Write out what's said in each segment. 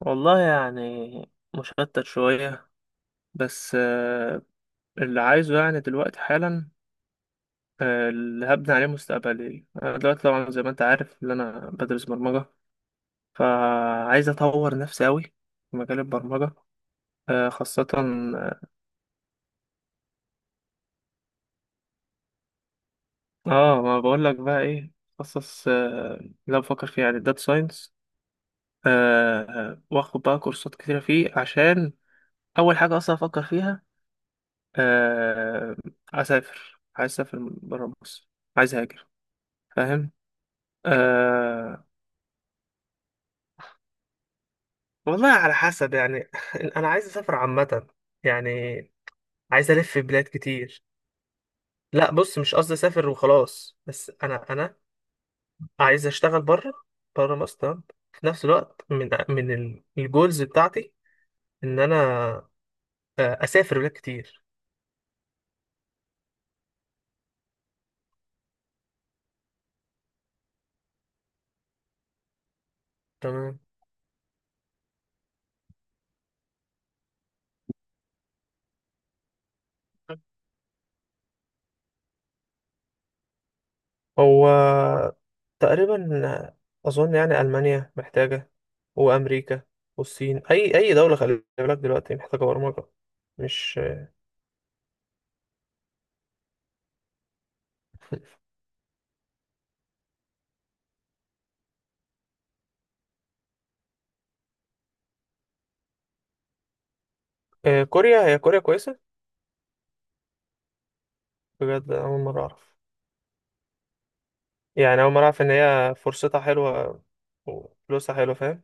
والله يعني مشتت شوية، بس اللي عايزه يعني دلوقتي حالا. اللي هبني عليه مستقبلي أنا دلوقتي، طبعا زي ما أنت عارف إن أنا بدرس برمجة. فعايز أطور نفسي أوي في مجال البرمجة، خاصة ما بقولك بقى إيه. خصص آه، لا، بفكر فيه يعني داتا ساينس. آه، وآخد بقى كورسات كتيرة فيه، عشان أول حاجة أصلا أفكر فيها آه، أسافر. عايز أسافر برا مصر، عايز أهاجر، فاهم؟ آه. والله على حسب يعني انا عايز اسافر عامه، يعني عايز الف في بلاد كتير. لا بص، مش قصدي اسافر وخلاص، بس انا عايز اشتغل بره، بره مصر، تمام. في نفس الوقت من الجولز بتاعتي، ان انا اسافر بلاد كتير. تمام. هو تقريبا اظن يعني المانيا محتاجه، وامريكا، والصين، اي دوله، خلي بالك دلوقتي محتاجه برمجه. مش... كوريا، هي كوريا كويسة؟ بجد أول مرة أعرف. يعني أول مرة أعرف إن هي فرصتها حلوة وفلوسها حلوة، فاهم؟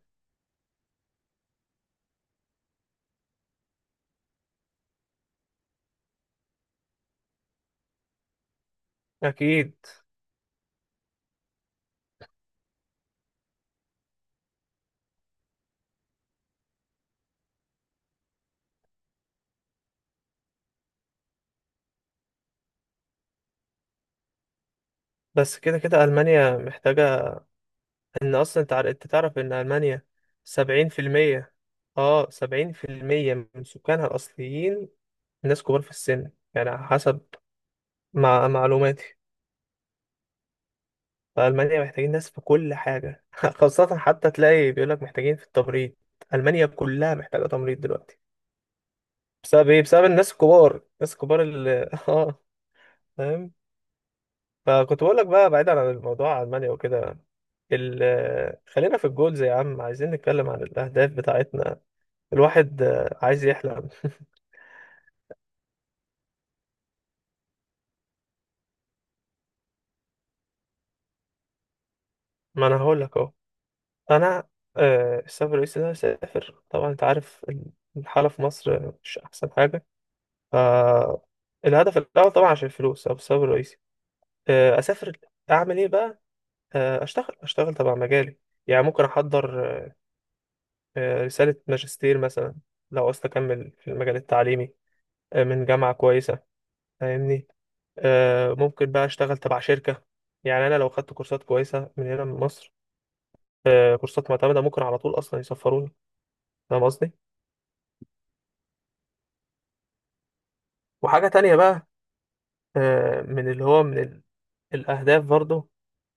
أكيد. بس كده كده ألمانيا محتاجة، إن أصلا أنت تعرف إن ألمانيا 70%، أه، 70% من سكانها الأصليين ناس كبار في السن، يعني على حسب معلوماتي. فألمانيا محتاجين ناس في كل حاجة خاصة حتى تلاقي بيقولك محتاجين في التمريض. ألمانيا كلها محتاجة تمريض دلوقتي. بسبب ايه؟ بسبب الناس الكبار، اللي اه، فاهم. فكنت بقول لك بقى، بعيدا عن الموضوع، المانيا وكده. ال... خلينا في الجولز يا عم، عايزين نتكلم عن الاهداف بتاعتنا. الواحد عايز يحلم. ما انا هقول لك اهو. انا السبب الرئيسي ان انا اسافر، طبعا انت عارف الحاله في مصر مش احسن حاجه. ف الهدف الاول طبعا عشان الفلوس، او السبب الرئيسي اسافر. اعمل ايه بقى؟ اشتغل تبع مجالي. يعني ممكن احضر رسالة ماجستير مثلا، لو عاوز أكمل في المجال التعليمي من جامعة كويسة، فاهمني؟ ممكن بقى أشتغل تبع شركة. يعني أنا لو خدت كورسات كويسة من هنا من مصر، كورسات معتمدة، ممكن على طول أصلا يسفروني، فاهم قصدي؟ وحاجة تانية بقى، من اللي هو من الأهداف برضو،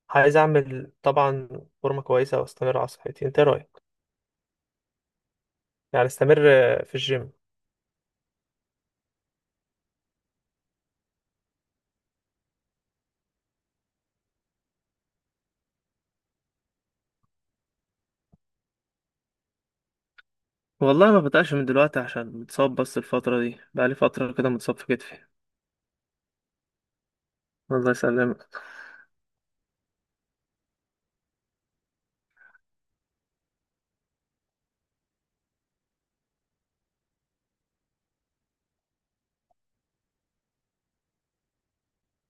عايز أعمل طبعا فورمة كويسة وأستمر على صحتي، أنت إيه رأيك؟ يعني أستمر في الجيم. والله ما بدأش من دلوقتي عشان متصاب، بس الفترة دي بقالي فترة كده متصاب في كتفي. الله يسلمك.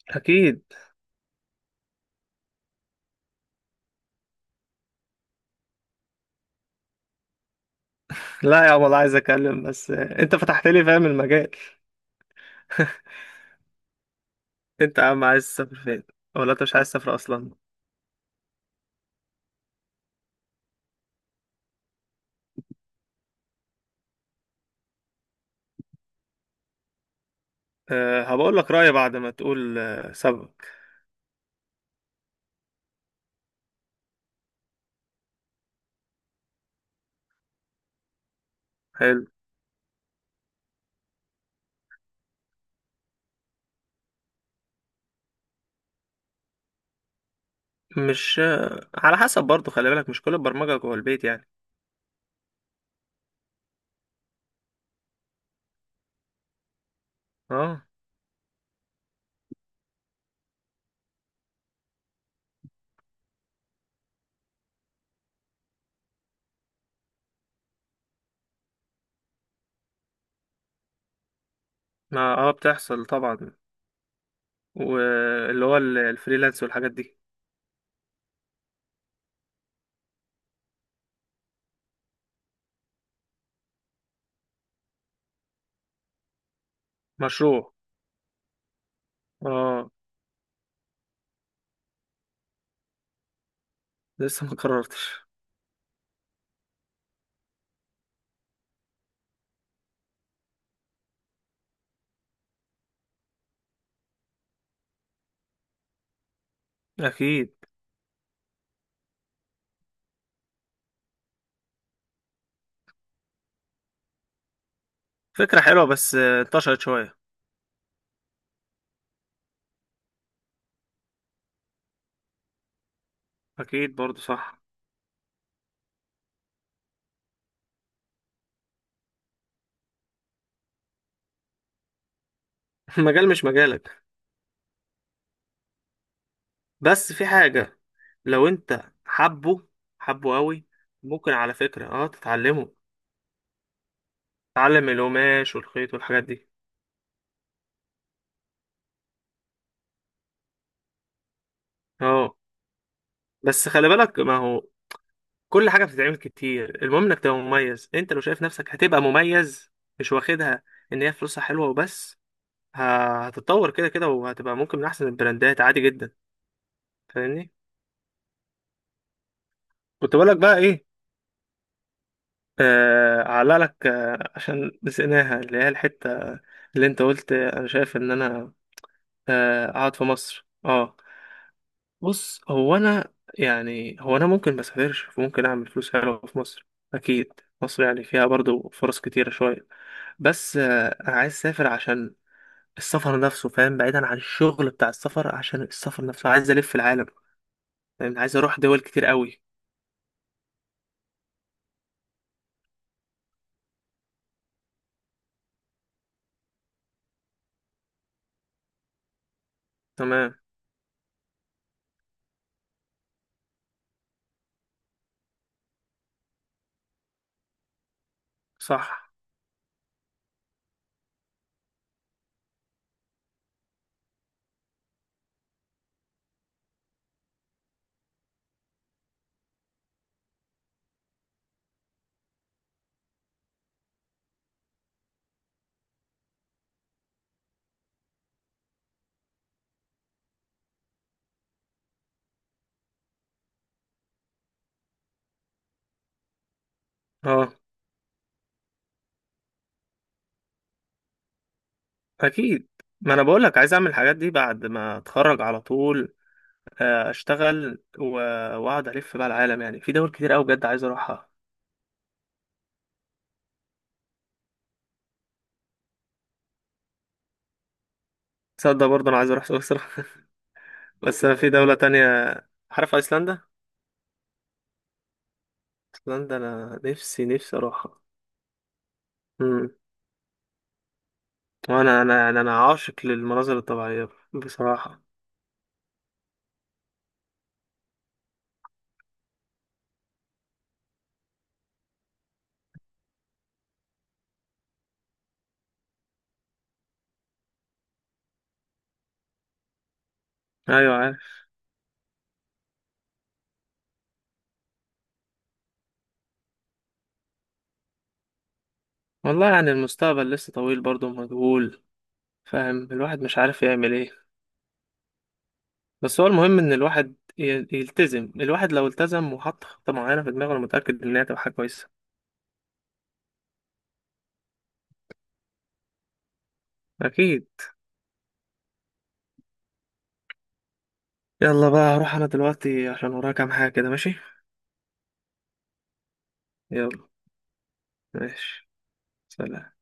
اكيد. لا يا عم والله عايز اتكلم، بس انت فتحت لي، فاهم، المجال. انت يا عم عايز تسافر فين؟ ولا انت مش عايز تسافر اصلا؟ أه، هبقول لك رايي بعد ما تقول أه، سببك. حلو. مش على حسب، برضو خلي بالك مش كل البرمجه جوه البيت يعني. اه، ما اه بتحصل طبعا. واللي هو الفريلانس والحاجات دي. مشروع. اه. لسه ما قررتش. اكيد. فكره حلوه، بس انتشرت شويه. اكيد برضو صح. المجال مش مجالك. بس في حاجة، لو انت حبه، حبه قوي، ممكن على فكرة اه تتعلمه، تتعلم القماش والخيط والحاجات دي. اه. بس خلي بالك، ما هو كل حاجة بتتعمل كتير، المهم انك تبقى مميز. انت لو شايف نفسك هتبقى مميز، مش واخدها ان هي فلوسها حلوة وبس، هتتطور كده كده وهتبقى ممكن من احسن البراندات، عادي جدا، فاهمني؟ كنت بقول لك بقى ايه، آه، علق لك آه عشان نسيناها، اللي هي الحتة اللي انت قلت انا شايف ان انا قاعد في مصر. اه، بص هو انا، يعني هو انا ممكن ما اسافرش، ممكن اعمل فلوس حلوه في مصر، اكيد. مصر يعني فيها برضو فرص كتيره شويه، بس انا عايز اسافر عشان السفر نفسه، فاهم، بعيدا عن الشغل بتاع السفر، عشان السفر نفسه عايز الف العالم، يعني عايز اروح دول كتير قوي. تمام. صح. اه. اكيد. ما انا بقول لك عايز اعمل الحاجات دي بعد ما اتخرج على طول، واقعد الف بقى العالم، يعني في دول كتير قوي بجد عايز اروحها. تصدق برضه انا عايز اروح سويسرا. بس انا في دولة تانية، عارف ايسلندا؟ ايسلندا انا نفسي نفسي اروحها. امم. وانا انا انا أنا عاشق للمناظر الطبيعية بصراحة. ايوه عارف. والله يعني المستقبل لسه طويل برضه مجهول، فاهم، الواحد مش عارف يعمل ايه. بس هو المهم ان الواحد يلتزم. الواحد لو التزم وحط خطة معينة في دماغه، انا متأكد ان هي هتبقى حاجة كويسة. اكيد. يلا بقى، هروح انا دلوقتي عشان ورايا كام حاجة كده، ماشي. يلا. ماشي. سلام.